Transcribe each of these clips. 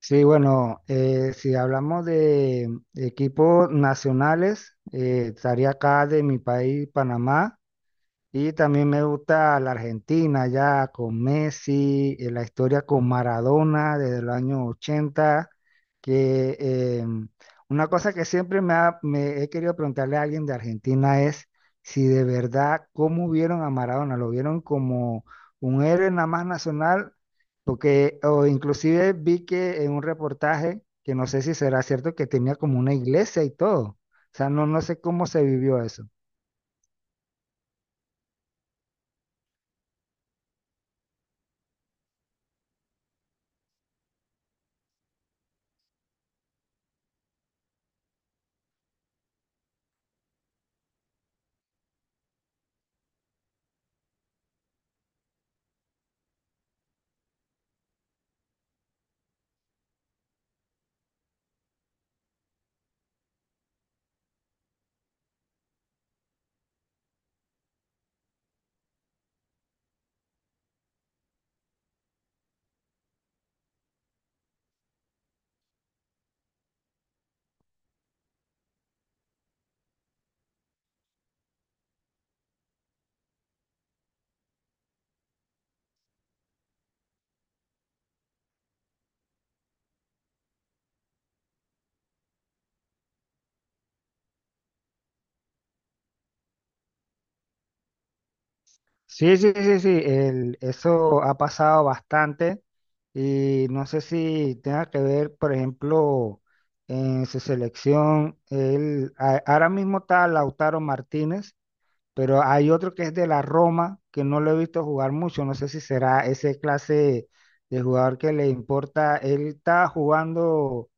Sí, bueno, si hablamos de equipos nacionales, estaría acá de mi país, Panamá. Y también me gusta la Argentina, ya con Messi, la historia con Maradona desde el año 80 que una cosa que siempre me he querido preguntarle a alguien de Argentina es si de verdad, ¿cómo vieron a Maradona? ¿Lo vieron como un héroe nada más nacional? Porque, o inclusive vi que en un reportaje, que no sé si será cierto, que tenía como una iglesia y todo. O sea, no, no sé cómo se vivió eso. Sí, sí, sí, sí, eso ha pasado bastante y no sé si tenga que ver, por ejemplo, en su selección, él, ahora mismo está Lautaro Martínez, pero hay otro que es de la Roma, que no lo he visto jugar mucho, no sé si será ese clase de jugador que le importa, él está jugando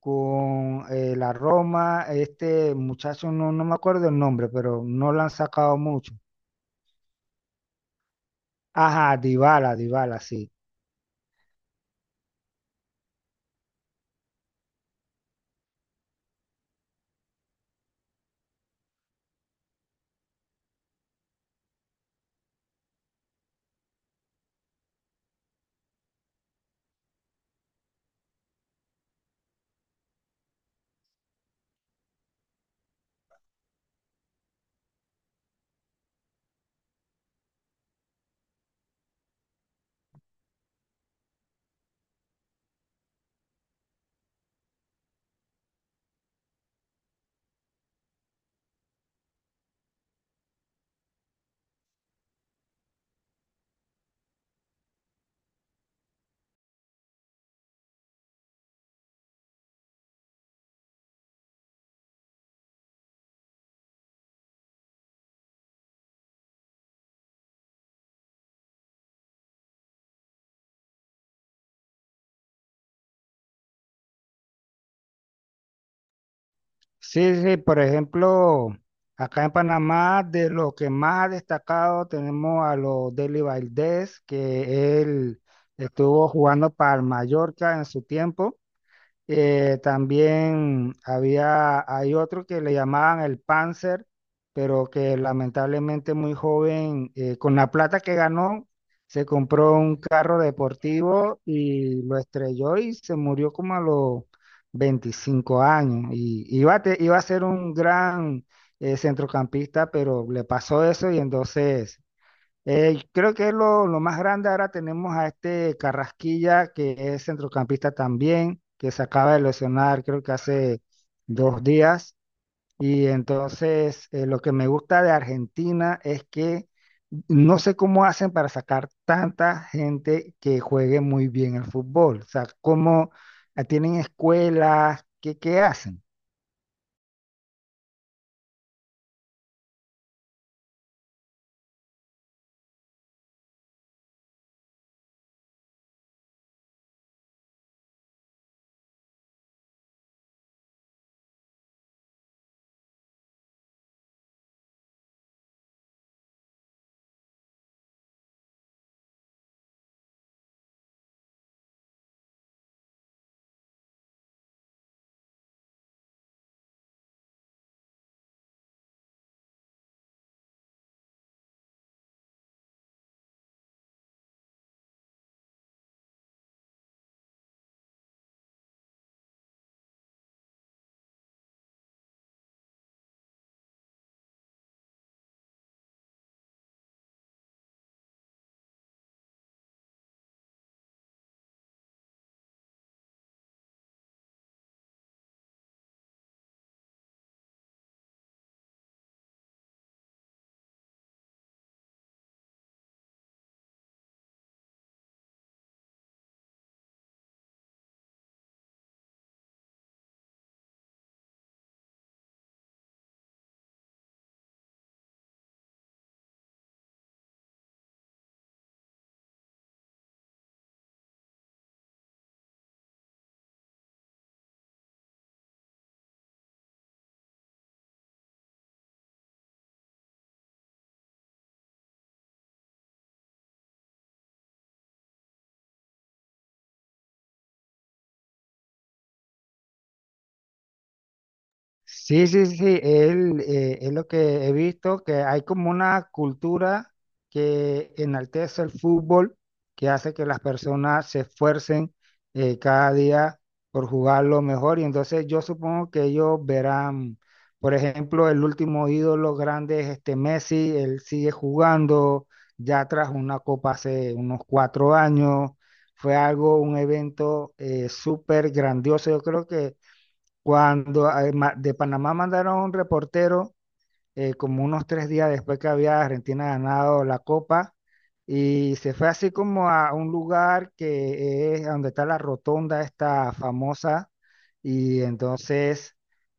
con la Roma, este muchacho, no, no me acuerdo el nombre, pero no lo han sacado mucho. Ajá, Dybala, Dybala, sí. Sí, sí, por ejemplo, acá en Panamá, de lo que más ha destacado, tenemos a los Deli Valdés, que él estuvo jugando para el Mallorca en su tiempo. También hay otro que le llamaban el Panzer, pero que lamentablemente muy joven, con la plata que ganó, se compró un carro deportivo y lo estrelló y se murió como a los 25 años. Y iba a ser un gran centrocampista, pero le pasó eso y entonces creo que es lo más grande. Ahora tenemos a este Carrasquilla, que es centrocampista también, que se acaba de lesionar, creo que hace 2 días. Y entonces, lo que me gusta de Argentina es que no sé cómo hacen para sacar tanta gente que juegue muy bien el fútbol. O sea, cómo tienen escuelas, ¿qué, qué hacen? Sí, sí, sí, él, es lo que he visto, que hay como una cultura que enaltece el fútbol, que hace que las personas se esfuercen cada día por jugarlo mejor. Y entonces yo supongo que ellos verán, por ejemplo, el último ídolo grande es este Messi, él sigue jugando, ya tras una copa hace unos 4 años, fue algo, un evento súper grandioso, yo creo que... Cuando de Panamá mandaron a un reportero, como unos 3 días después que había Argentina ganado la Copa, y se fue así como a un lugar que es donde está la rotonda esta famosa, y entonces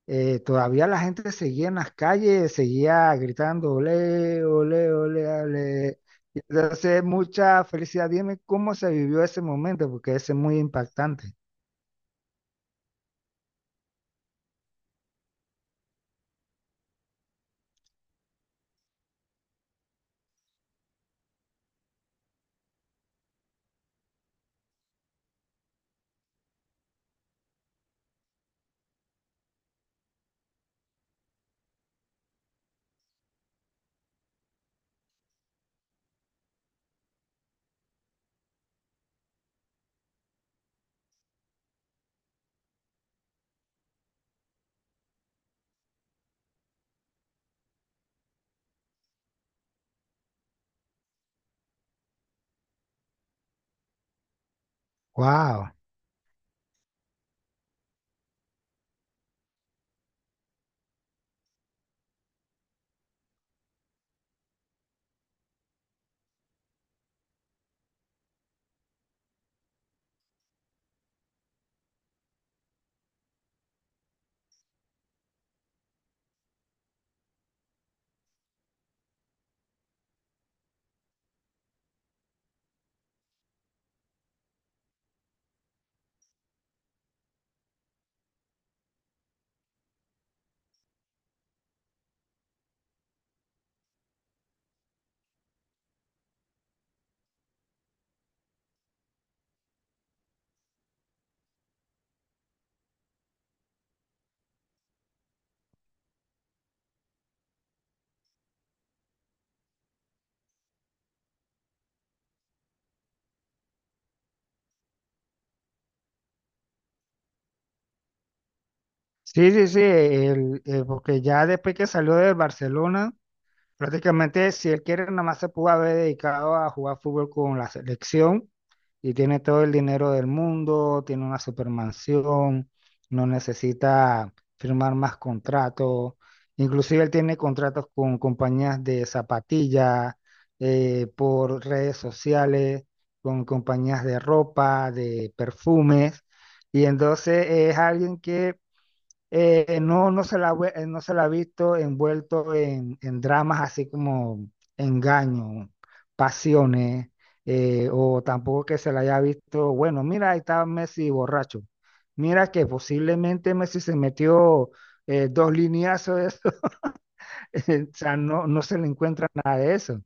todavía la gente seguía en las calles, seguía gritando, ole, ole, ole, ole. Y entonces, mucha felicidad. Dime cómo se vivió ese momento, porque ese es muy impactante. Wow. Sí, sí, sí, porque ya después que salió del Barcelona, prácticamente si él quiere, nada más se pudo haber dedicado a jugar fútbol con la selección y tiene todo el dinero del mundo, tiene una supermansión, no necesita firmar más contratos, inclusive él tiene contratos con compañías de zapatillas, por redes sociales, con compañías de ropa, de perfumes, y entonces es alguien que no se la ha visto envuelto en dramas así como engaño, pasiones, o tampoco que se la haya visto, bueno, mira, ahí está Messi borracho. Mira que posiblemente Messi se metió dos lineazos de eso. O sea, no, no se le encuentra nada de eso.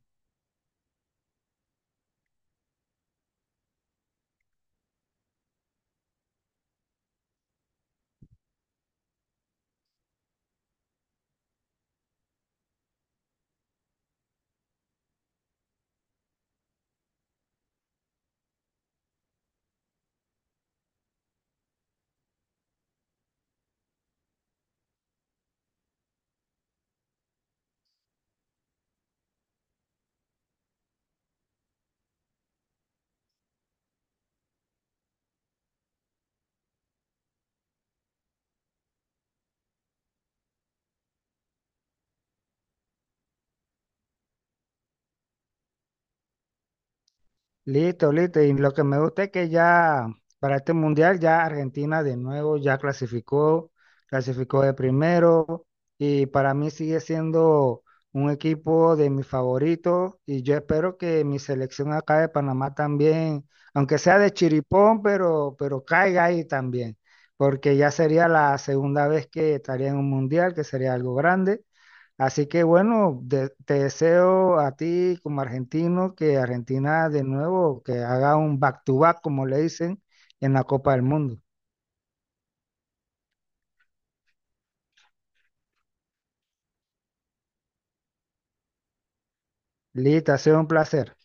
Listo, listo. Y lo que me gusta es que ya para este mundial ya Argentina de nuevo ya clasificó, clasificó de primero y para mí sigue siendo un equipo de mis favoritos y yo espero que mi selección acá de Panamá también, aunque sea de chiripón, pero caiga ahí también, porque ya sería la segunda vez que estaría en un mundial, que sería algo grande. Así que bueno, te deseo a ti como argentino que Argentina de nuevo, que haga un back to back, como le dicen, en la Copa del Mundo. Lita, ha sido un placer.